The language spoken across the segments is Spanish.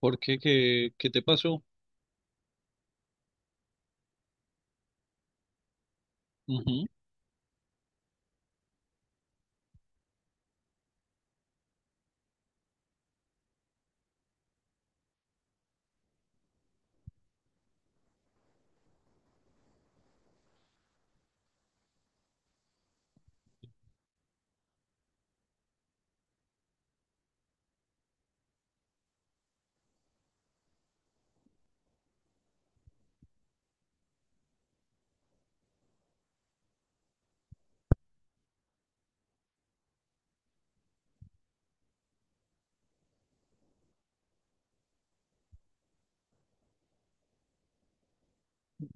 ¿Por qué? ¿Qué te pasó? Ujú.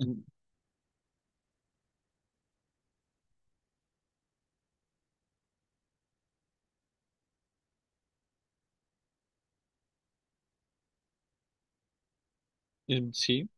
en- sí,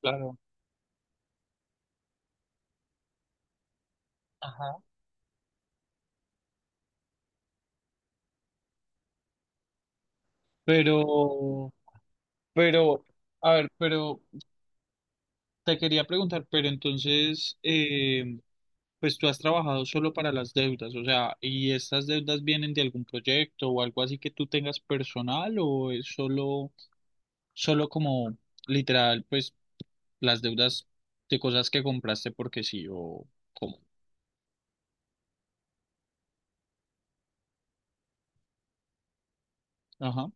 claro. Ajá. Pero, pero, a ver, pero te quería preguntar, pero entonces, pues tú has trabajado solo para las deudas, o sea, ¿y estas deudas vienen de algún proyecto o algo así que tú tengas personal o es solo, solo como literal, pues las deudas de cosas que compraste porque sí o cómo? Ajá,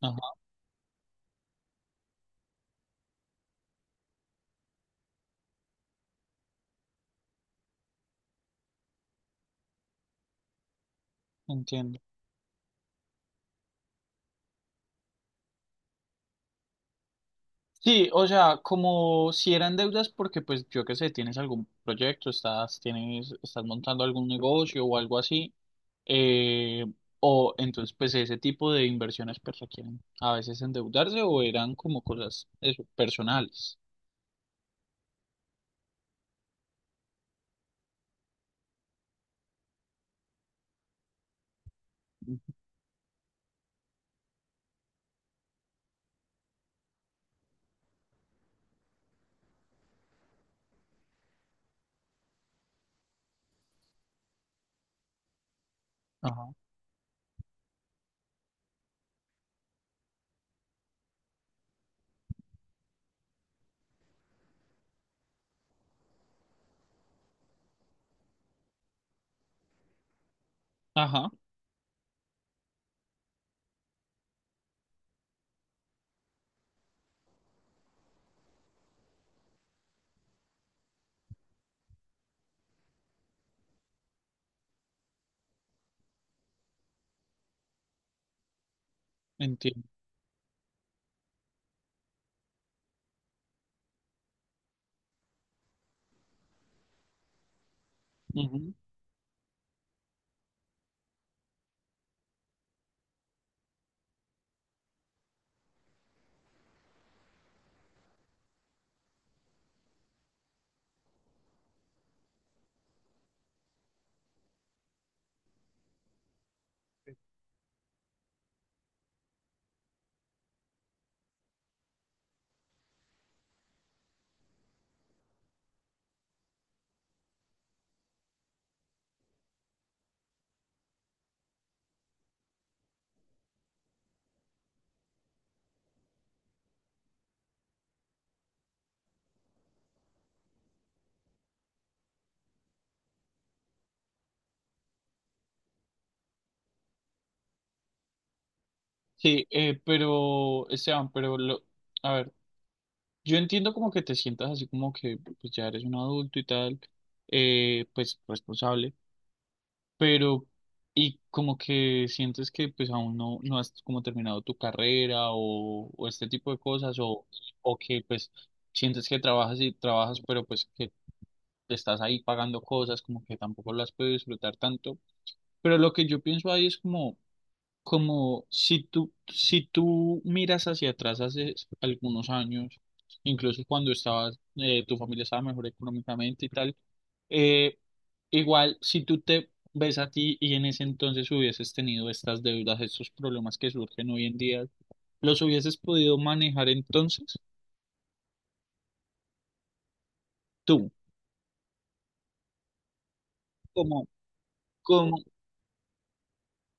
ajá, entiendo. Sí, o sea, como si eran deudas porque pues yo qué sé, tienes algún proyecto, estás montando algún negocio o algo así, eh, o entonces pues ese tipo de inversiones pues requieren a veces endeudarse o eran como cosas eso, personales. Ajá, ajá, entiendo. Ujú. Sí, pero Esteban, a ver, yo entiendo como que te sientas así como que pues ya eres un adulto y tal, pues responsable. Pero, y como que sientes que pues aún no has como terminado tu carrera o este tipo de cosas, o que pues sientes que trabajas y trabajas, pero pues que estás ahí pagando cosas, como que tampoco las puedes disfrutar tanto. Pero lo que yo pienso ahí es como si tú, si tú miras hacia atrás hace algunos años, incluso cuando estabas, tu familia estaba mejor económicamente y tal, eh, igual si tú te ves a ti y en ese entonces hubieses tenido estas deudas, estos problemas que surgen hoy en día, ¿los hubieses podido manejar entonces tú? Como, como,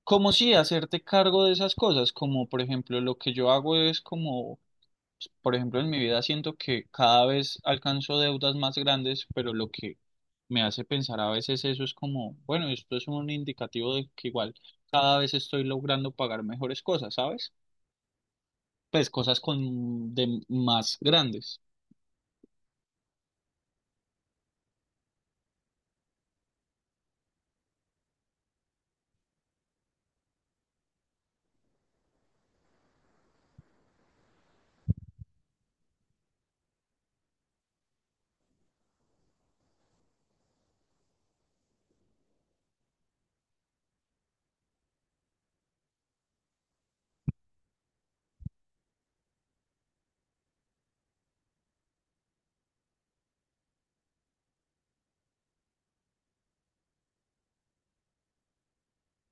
Como si hacerte cargo de esas cosas, como por ejemplo lo que yo hago es como por ejemplo, en mi vida siento que cada vez alcanzo deudas más grandes, pero lo que me hace pensar a veces eso es como, bueno, esto es un indicativo de que igual cada vez estoy logrando pagar mejores cosas, ¿sabes? Pues cosas con de más grandes.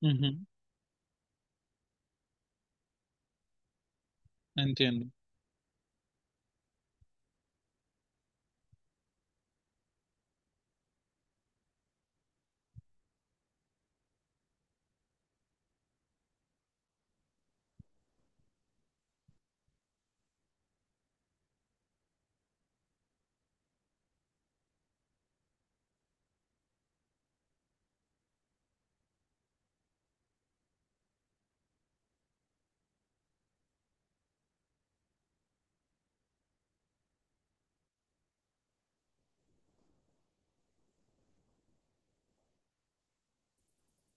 Ujú. Entiendo,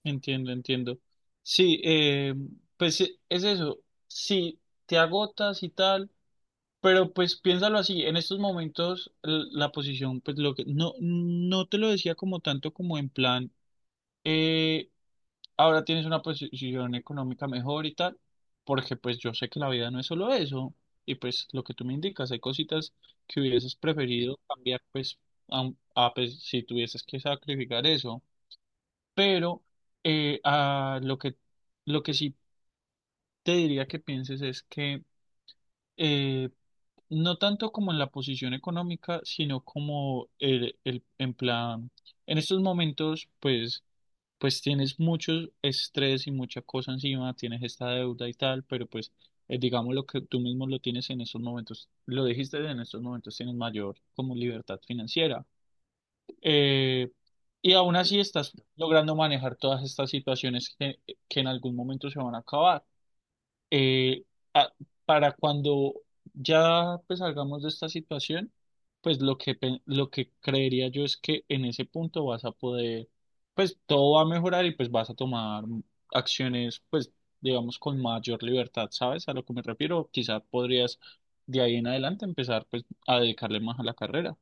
Entiendo. Sí, pues es eso. Si te agotas y tal. Pero pues piénsalo así, en estos momentos la posición, pues lo que no te lo decía como tanto como en plan, eh, ahora tienes una posición económica mejor y tal, porque pues yo sé que la vida no es solo eso, y pues lo que tú me indicas, hay cositas que hubieses preferido cambiar, pues, a, a, pues, si tuvieses que sacrificar eso, pero eh, a lo que, lo que sí te diría que pienses es que eh, no tanto como en la posición económica, sino como en plan, en estos momentos, pues, pues tienes mucho estrés y mucha cosa encima, tienes esta deuda y tal, pero pues, digamos lo que tú mismo lo tienes en estos momentos, lo dijiste, en estos momentos tienes mayor como libertad financiera. Eh, y aún así estás logrando manejar todas estas situaciones que en algún momento se van a acabar eh, a- para cuando ya pues, salgamos de esta situación, pues lo que, lo que creería yo es que en ese punto vas a poder, pues todo va a mejorar y pues vas a tomar acciones, pues digamos, con mayor libertad, ¿sabes? A lo que me refiero, quizás podrías de ahí en adelante empezar pues a dedicarle más a la carrera.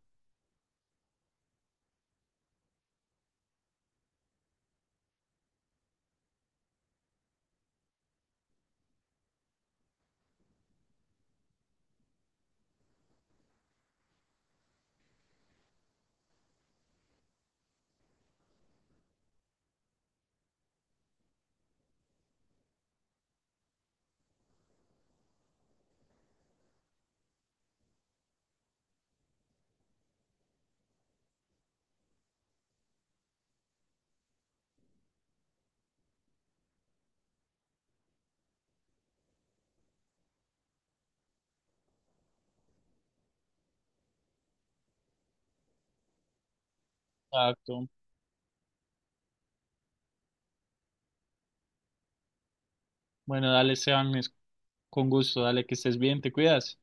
Exacto. Bueno, dale, Esteban, es con gusto, dale, que estés bien, te cuidas.